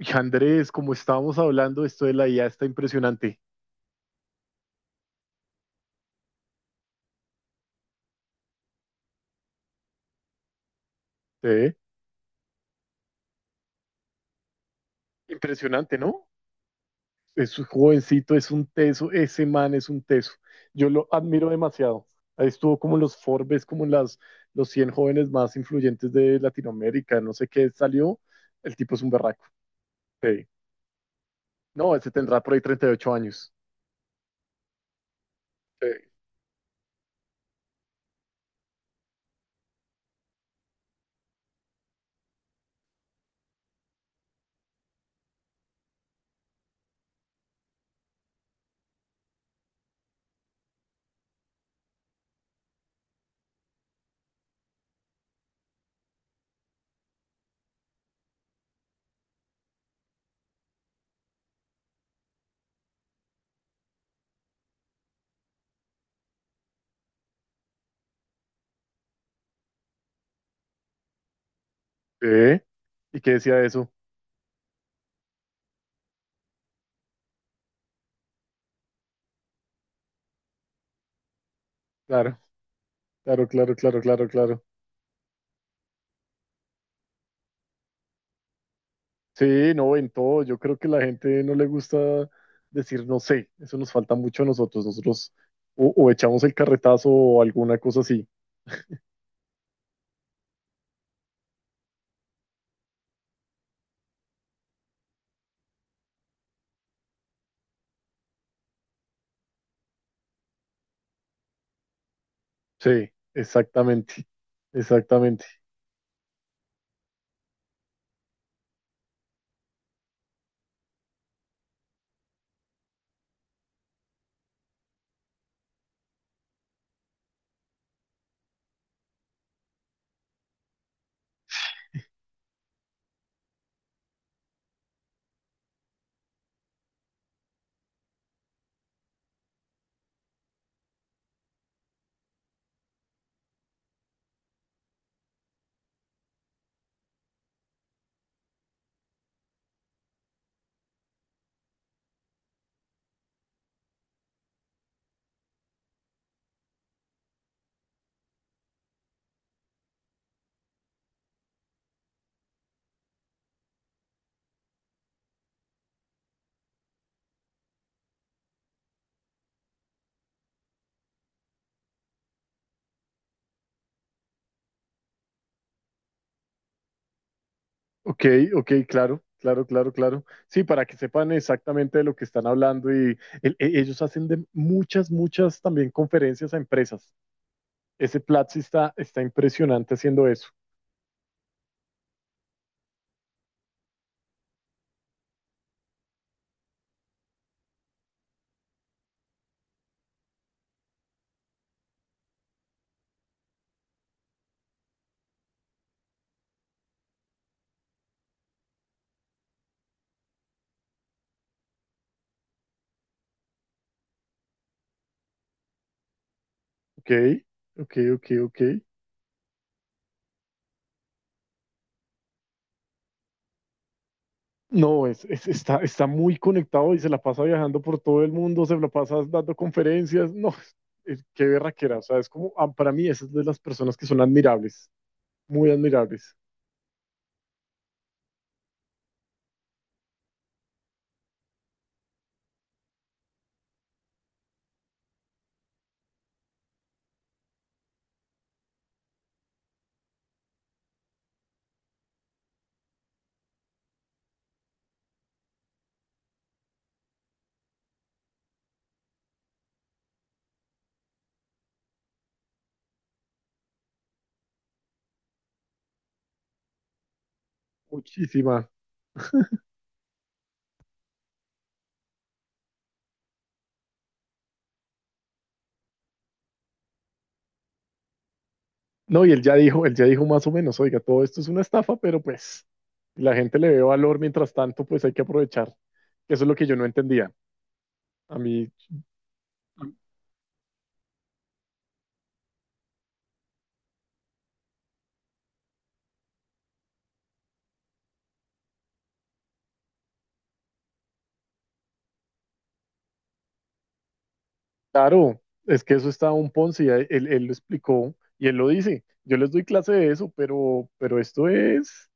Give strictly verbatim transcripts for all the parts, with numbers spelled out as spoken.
Y Andrés, como estábamos hablando, esto de la I A está impresionante. ¿Se Impresionante, ¿no? Es un jovencito, es un teso, ese man es un teso. Yo lo admiro demasiado. Ahí estuvo como en los Forbes, como en las, los cien jóvenes más influyentes de Latinoamérica, no sé qué salió. El tipo es un berraco. Sí. No, ese tendrá por ahí treinta y ocho años. Sí. Sí. ¿Y qué decía de eso? Claro, claro, claro, claro, claro, claro. Sí, no, en todo. Yo creo que la gente no le gusta decir no sé. Eso nos falta mucho a nosotros. Nosotros o, o echamos el carretazo o alguna cosa así. Sí, exactamente. Exactamente. Ok, ok, claro, claro, claro, claro. Sí, para que sepan exactamente de lo que están hablando y el- e- ellos hacen de muchas, muchas también conferencias a empresas. Ese Platzi está, está impresionante haciendo eso. Ok, ok, ok, ok. No, es, es- está, está muy conectado y se la pasa viajando por todo el mundo, se la pasa dando conferencias. No, es- qué berraquera. O sea, es como, ah, para mí, esas de las personas que son admirables, muy admirables. Muchísima. No, y él ya dijo, él ya dijo más o menos, oiga, todo esto es una estafa, pero pues la gente le ve valor mientras tanto, pues hay que aprovechar. Eso es lo que yo no entendía. A mí, claro, es que eso está un Ponzi, él, él lo explicó y él lo dice. Yo les doy clase de eso, pero, pero esto es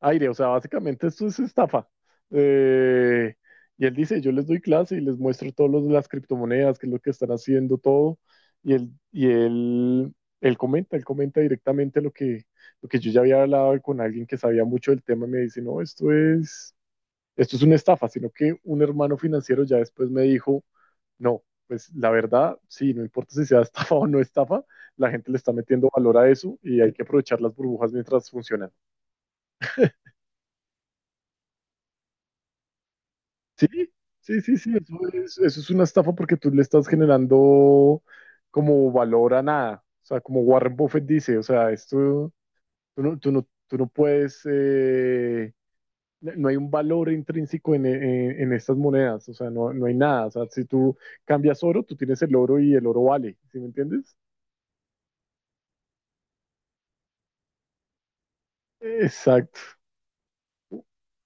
aire, o sea, básicamente esto es estafa. Eh, y él dice, yo les doy clase y les muestro todos los de las criptomonedas, qué es lo que están haciendo, todo. Y él, y él, él comenta, él comenta directamente lo que, lo que yo ya había hablado con alguien que sabía mucho del tema y me dice, no, esto es, esto es una estafa, sino que un hermano financiero ya después me dijo, no, pues la verdad, sí, no importa si sea estafa o no estafa, la gente le está metiendo valor a eso y hay que aprovechar las burbujas mientras funcionan. Sí, sí, sí, sí, eso es, eso es una estafa porque tú le estás generando como valor a nada. O sea, como Warren Buffett dice, o sea, esto, tú no, tú no, tú no puedes, eh, no no hay un valor intrínseco en, en- en estas monedas, o sea, no, no hay nada. O sea, si tú cambias oro, tú tienes el oro y el oro vale, ¿sí me entiendes? Exacto.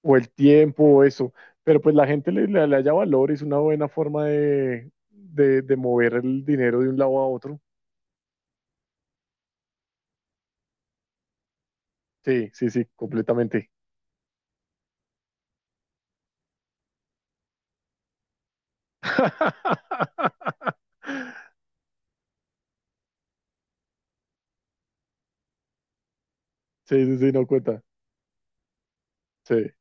O el tiempo, o eso. Pero pues la gente le, le, le haya valor, es una buena forma de, de, de mover el dinero de un lado a otro. Sí, sí, sí, completamente. Sí, sí, sí, no cuenta. Sí.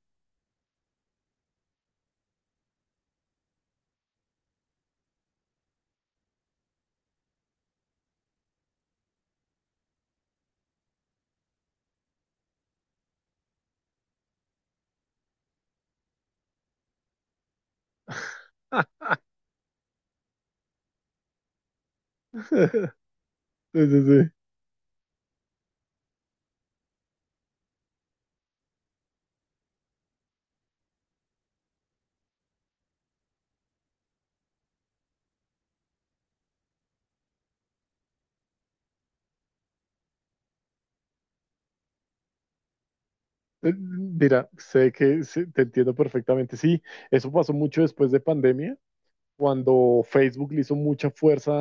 Sí, sí, sí. Eh, Mira, sé que sí, te entiendo perfectamente. Sí, eso pasó mucho después de pandemia, cuando Facebook le hizo mucha fuerza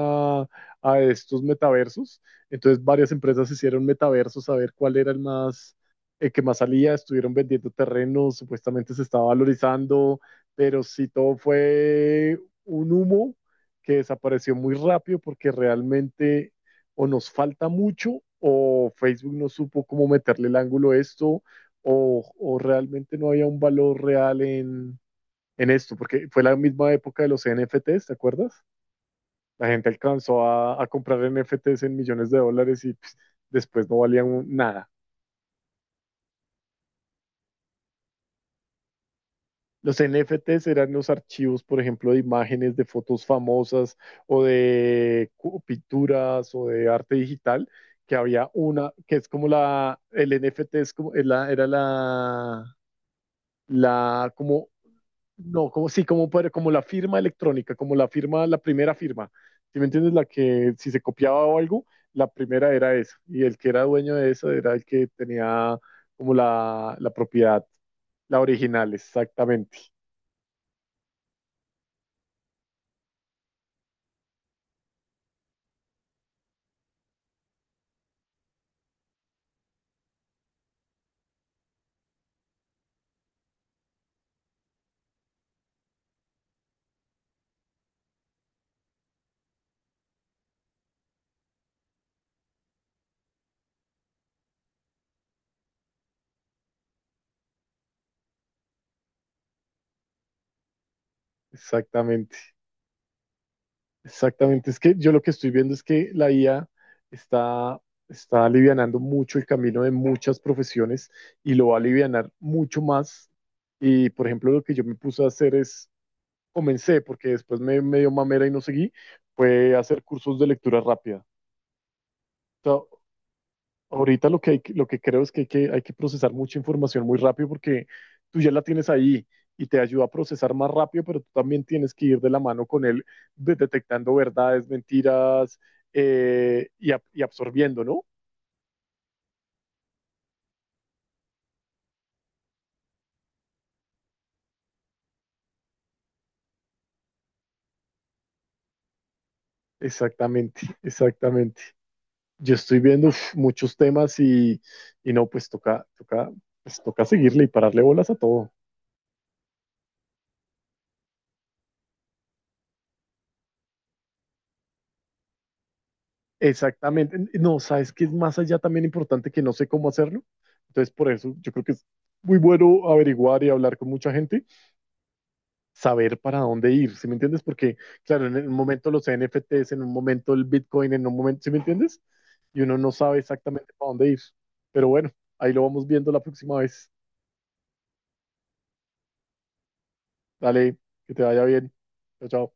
a estos metaversos. Entonces varias empresas hicieron metaversos a ver cuál era el más, el que más salía, estuvieron vendiendo terrenos, supuestamente se estaba valorizando, pero sí todo fue un humo que desapareció muy rápido porque realmente o nos falta mucho o Facebook no supo cómo meterle el ángulo a esto o, o realmente no había un valor real en en esto, porque fue la misma época de los N F Ts, ¿te acuerdas? La gente alcanzó a, a comprar N F Ts en millones de dólares y pues, después no valían un- nada. Los N F Ts eran los archivos, por ejemplo, de imágenes, de fotos famosas o de cu- pinturas o de arte digital, que había una, que es como la, el N F T es como, es la- era la, la, como, no, como, sí, como, por- como la firma electrónica, como la firma, la primera firma. ¿Sí me entiendes? La que si se copiaba o algo, la primera era esa. Y el que era dueño de eso era el que tenía como la, la propiedad, la original, exactamente. Exactamente, exactamente. Es que yo lo que estoy viendo es que la I A está, está alivianando mucho el camino de muchas profesiones y lo va a alivianar mucho más. Y por ejemplo, lo que yo me puse a hacer es comencé, porque después me, me dio mamera y no seguí, fue hacer cursos de lectura rápida. O sea, ahorita lo que, hay, que- lo que creo es que hay, que hay que procesar mucha información muy rápido porque tú ya la tienes ahí y te ayuda a procesar más rápido, pero tú también tienes que ir de la mano con él de- detectando verdades, mentiras eh, y, ab- y absorbiendo, ¿no? Exactamente, exactamente. Yo estoy viendo uf, muchos temas y, y no, pues toca, toca, pues toca seguirle y pararle bolas a todo. Exactamente. No, sabes que es más allá también importante que no sé cómo hacerlo. Entonces, por eso yo creo que es muy bueno averiguar y hablar con mucha gente, saber para dónde ir, ¿sí me entiendes? Porque, claro, en un momento los N F Ts, en un momento el Bitcoin, en un momento, ¿sí me entiendes? Y uno no sabe exactamente para dónde ir. Pero bueno, ahí lo vamos viendo la próxima vez. Dale, que te vaya bien. Chao, chao.